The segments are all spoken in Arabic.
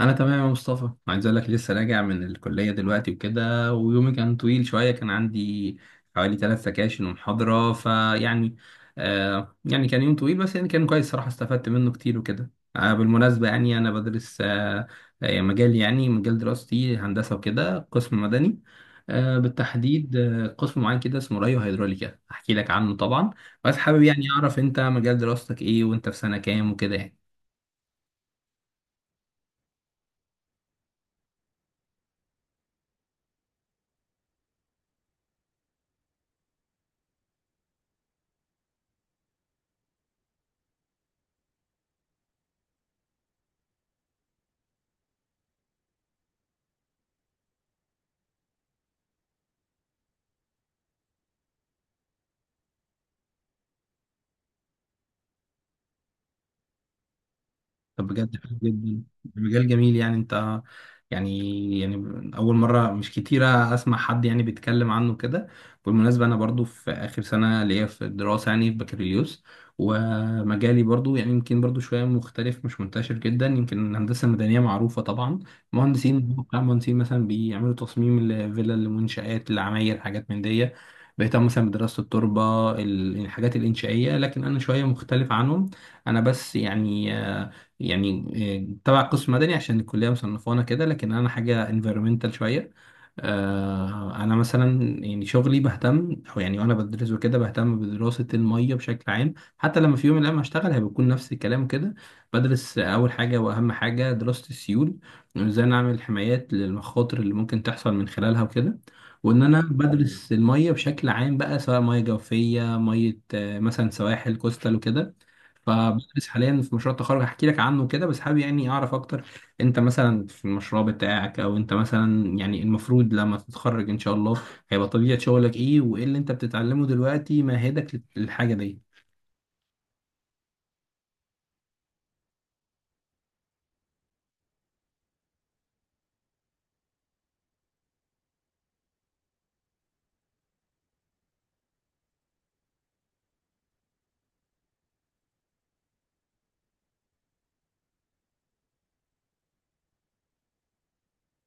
انا تمام يا مصطفى، عايز اقول لك لسه راجع من الكليه دلوقتي وكده. ويومي كان طويل شويه، كان عندي حوالي ثلاث سكاشن ومحاضره. فيعني يعني كان يوم طويل، بس يعني كان كويس صراحه، استفدت منه كتير وكده. بالمناسبه يعني انا بدرس مجال، يعني مجال دراستي هندسه وكده، قسم مدني. بالتحديد قسم معين كده اسمه ريو هيدروليكا، احكي لك عنه طبعا. بس حابب يعني اعرف انت مجال دراستك ايه، وانت في سنه كام وكده يعني. طب بجد حلو جدا، مجال جميل. يعني انت يعني اول مره، مش كتيره اسمع حد يعني بيتكلم عنه كده. بالمناسبه انا برضو في اخر سنه ليا في الدراسه، يعني في بكالوريوس. ومجالي برضو يعني يمكن برضو شويه مختلف، مش منتشر جدا. يمكن الهندسه المدنيه معروفه طبعا، مهندسين مهندسين مثلا بيعملوا تصميم الفلل، المنشآت، العماير، حاجات من دي. بيهتموا مثلا بدراسه التربه، الحاجات الانشائيه. لكن انا شويه مختلف عنهم. انا بس يعني يعني تبع قسم مدني عشان الكلية مصنفانا كده، لكن أنا حاجة environmental شوية. أنا مثلا يعني شغلي بهتم، أو يعني وأنا بدرس وكده بهتم بدراسة المية بشكل عام. حتى لما في يوم من الأيام هشتغل هيكون نفس الكلام كده. بدرس أول حاجة وأهم حاجة دراسة السيول، وإزاي نعمل حمايات للمخاطر اللي ممكن تحصل من خلالها وكده. وان انا بدرس الميه بشكل عام بقى، سواء ميه جوفيه، ميه مثلا سواحل كوستال وكده. فبدرس حاليا في مشروع التخرج، هحكي لك عنه كده. بس حابب يعني اعرف اكتر، انت مثلا في المشروع بتاعك، او انت مثلا يعني المفروض لما تتخرج ان شاء الله هيبقى طبيعة شغلك ايه، وايه اللي انت بتتعلمه دلوقتي مهدك للحاجة دي.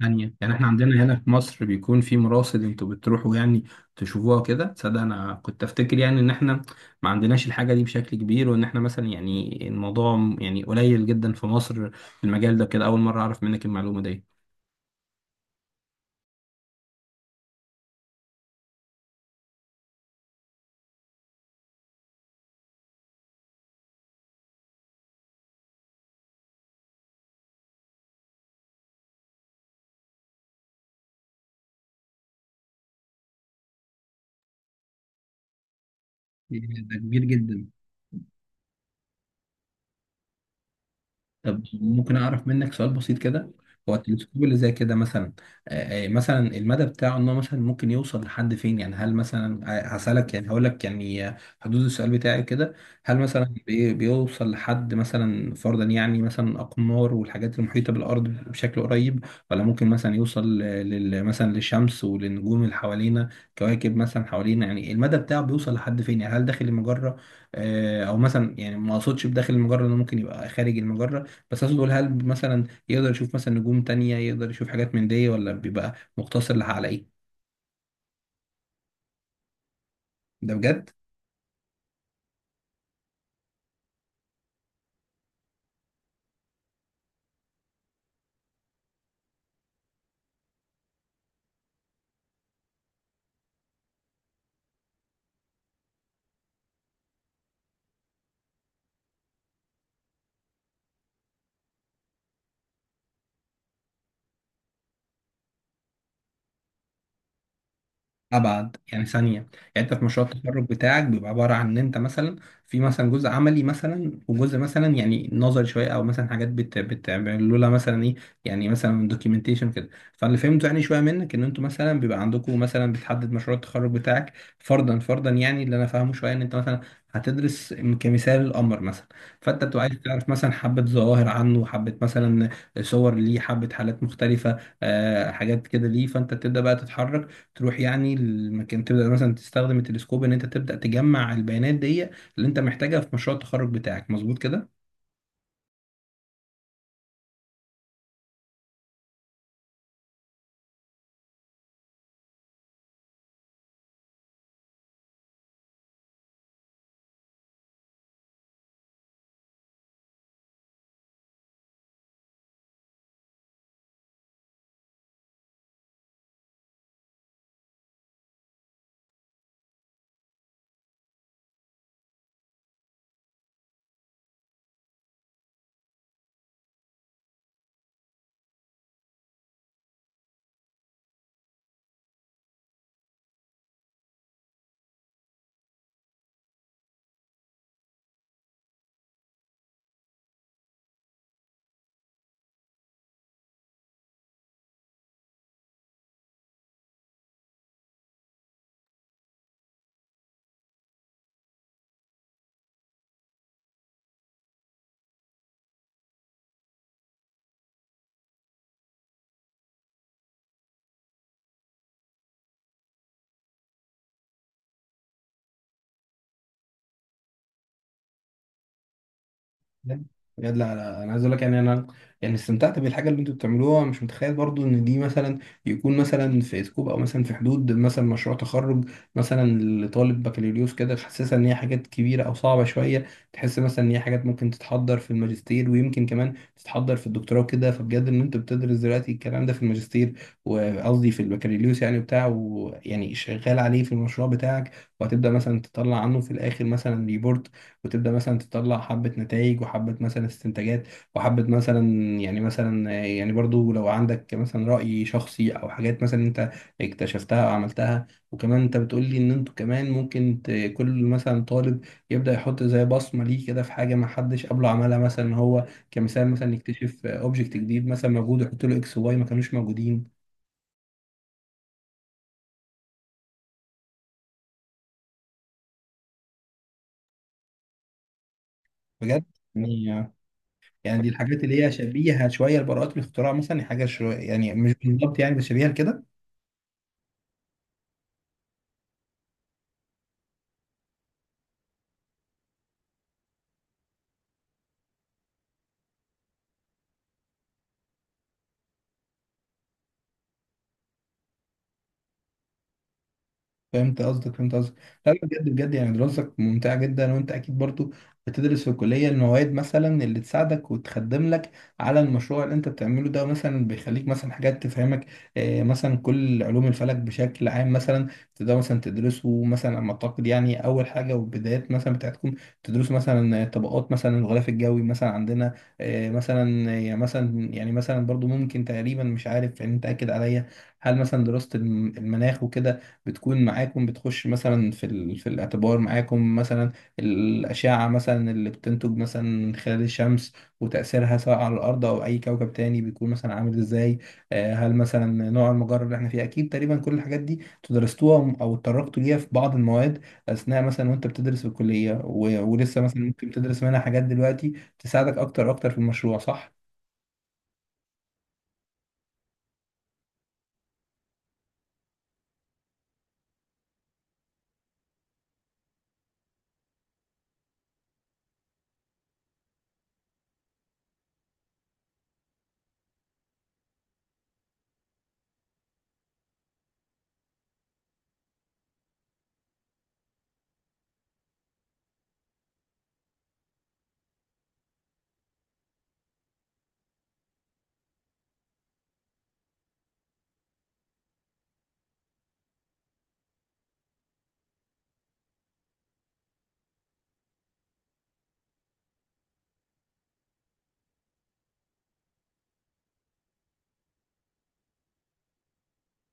تانية يعني احنا عندنا هنا في مصر بيكون في مراصد انتوا بتروحوا يعني تشوفوها كده؟ تصدق انا كنت افتكر يعني ان احنا ما عندناش الحاجة دي بشكل كبير، وان احنا مثلا يعني الموضوع يعني قليل جدا في مصر في المجال ده كده. اول مرة اعرف منك المعلومة دي. ده كبير جدا. طب ممكن اعرف منك سؤال بسيط كده؟ هو التلسكوب اللي زي كده مثلا مثلا المدى بتاعه، ان هو مثلا ممكن يوصل لحد فين؟ يعني هل مثلا هسألك، يعني هقول لك يعني حدود السؤال بتاعي كده، هل مثلا بيوصل لحد مثلا، فرضا يعني مثلا اقمار والحاجات المحيطة بالارض بشكل قريب، ولا ممكن مثلا يوصل مثلا للشمس وللنجوم اللي حوالينا، كواكب مثلا حوالينا؟ يعني المدى بتاعه بيوصل لحد فين؟ يعني هل داخل المجرة، او مثلا، يعني ما اقصدش بداخل المجرة، انه ممكن يبقى خارج المجرة؟ بس عايز اقول هل مثلا يقدر يشوف مثلا نجوم تانية، يقدر يشوف حاجات من دي، ولا بيبقى مقتصر على ايه؟ ده بجد. ابعد يعني ثانيه. يعني انت في مشروع التخرج بتاعك بيبقى عباره عن ان انت مثلا في مثلا جزء عملي مثلا، وجزء مثلا يعني نظري شويه، او مثلا حاجات بتعملوا لها مثلا ايه، يعني مثلا دوكيومنتيشن كده؟ فاللي فهمته يعني شويه منك، ان انتوا مثلا بيبقى عندكم مثلا بتحدد مشروع التخرج بتاعك. فرضا يعني اللي انا فاهمه شويه ان انت مثلا هتدرس كمثال القمر مثلا، فانت بتبقى عايز تعرف مثلا حبه ظواهر عنه، حبه مثلا صور ليه، حبه حالات مختلفه، حاجات كده ليه. فانت تبدا بقى تتحرك، تروح يعني المكان، تبدا مثلا تستخدم التلسكوب، ان انت تبدا تجمع البيانات دي اللي انت محتاجها في مشروع التخرج بتاعك، مظبوط كده؟ بجد. بجد، لا لا، انا عايز اقول لك يعني انا يعني استمتعت بالحاجه اللي انتوا بتعملوها. مش متخيل برضو ان دي مثلا يكون مثلا في سكوب، او مثلا في حدود مثلا مشروع تخرج مثلا لطالب بكالوريوس كده. تحسسها ان هي حاجات كبيره او صعبه شويه، تحس مثلا ان هي حاجات ممكن تتحضر في الماجستير، ويمكن كمان تتحضر في الدكتوراه وكده. فبجد ان انتوا بتدرس دلوقتي الكلام ده في الماجستير، وقصدي في البكالوريوس يعني بتاعه، ويعني شغال عليه في المشروع بتاعك. وهتبدا مثلا تطلع عنه في الاخر مثلا ريبورت، وتبدا مثلا تطلع حبه نتائج، وحبه مثلا استنتاجات، وحبه مثلا يعني مثلا، يعني برضو لو عندك مثلا راي شخصي، او حاجات مثلا انت اكتشفتها او عملتها. وكمان انت بتقول لي ان انتوا كمان ممكن كل مثلا طالب يبدا يحط زي بصمه ليه كده في حاجه ما حدش قبله عملها، مثلا هو كمثال مثلا يكتشف اوبجكت جديد مثلا موجود، ويحط له اكس واي، ما كانوش موجودين. بجد. يعني دي الحاجات اللي هي شبيهه شويه لبراءات الاختراع مثلا، يعني حاجه شويه يعني مش بالظبط يعني، بس شبيهه لكده. فهمت قصدك، فهمت قصدك. لا لا، بجد بجد يعني دراستك ممتعة جدا. وانت اكيد برضو بتدرس في الكلية المواد مثلا اللي تساعدك وتخدم لك على المشروع اللي انت بتعمله ده، مثلا بيخليك مثلا حاجات تفهمك مثلا كل علوم الفلك بشكل عام مثلا. تقدر مثلا تدرسه مثلا، على ما اعتقد يعني، اول حاجة والبدايات مثلا بتاعتكم تدرسوا مثلا طبقات مثلا الغلاف الجوي مثلا عندنا. مثلا يعني مثلا يعني مثلا برضو ممكن تقريبا، مش عارف يعني انت اكد عليا، هل مثلا دراسة المناخ وكده بتكون معاكم، بتخش مثلا في الاعتبار معاكم مثلا الأشعة مثلا اللي بتنتج مثلا من خلال الشمس، وتأثيرها سواء على الأرض أو أي كوكب تاني بيكون مثلا عامل إزاي. هل مثلا نوع المجرة اللي احنا فيه، أكيد تقريبا كل الحاجات دي تدرستوها أو اتطرقتوا ليها في بعض المواد أثناء مثلا وأنت بتدرس في الكلية. ولسه مثلا ممكن تدرس منها حاجات دلوقتي تساعدك أكتر أكتر في المشروع، صح؟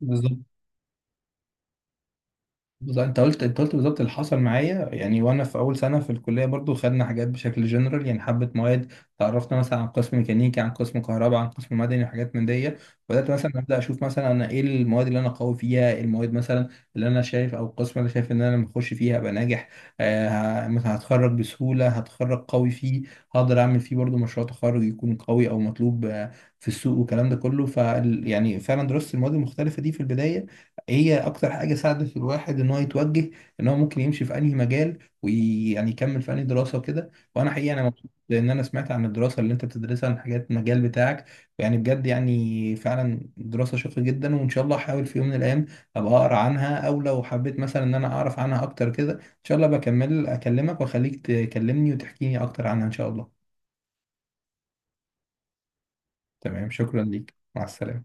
بالظبط. بالظبط انت قلت بالظبط اللي حصل معايا. يعني وانا في اول سنه في الكليه برضو خدنا حاجات بشكل جنرال، يعني حبه مواد تعرفنا مثلا عن قسم ميكانيكي، عن قسم كهرباء، عن قسم مدني، وحاجات من دي. بدات مثلا ابدا اشوف مثلا انا ايه المواد اللي انا قوي فيها، إيه المواد مثلا اللي انا شايف، او القسم اللي أنا شايف ان انا لما اخش فيها ابقى ناجح. مثلا هتخرج بسهوله، هتخرج قوي فيه، هقدر اعمل فيه برضو مشروع تخرج يكون قوي او مطلوب في السوق، والكلام ده كله. ف يعني فعلا درست المواد المختلفه دي في البدايه، هي اكتر حاجه ساعدت في الواحد ان هو يتوجه، ان هو ممكن يمشي في انهي مجال، ويعني يكمل في انهي دراسه وكده. وانا حقيقه انا مبسوط لان انا سمعت عن الدراسه اللي انت بتدرسها، عن حاجات المجال بتاعك. يعني بجد يعني فعلا دراسه شيقه جدا. وان شاء الله احاول في يوم من الايام ابقى اقرا عنها، او لو حبيت مثلا ان انا اعرف عنها اكتر كده، ان شاء الله بكمل اكلمك واخليك تكلمني وتحكيني اكتر عنها ان شاء الله. تمام، شكرا ليك، مع السلامه.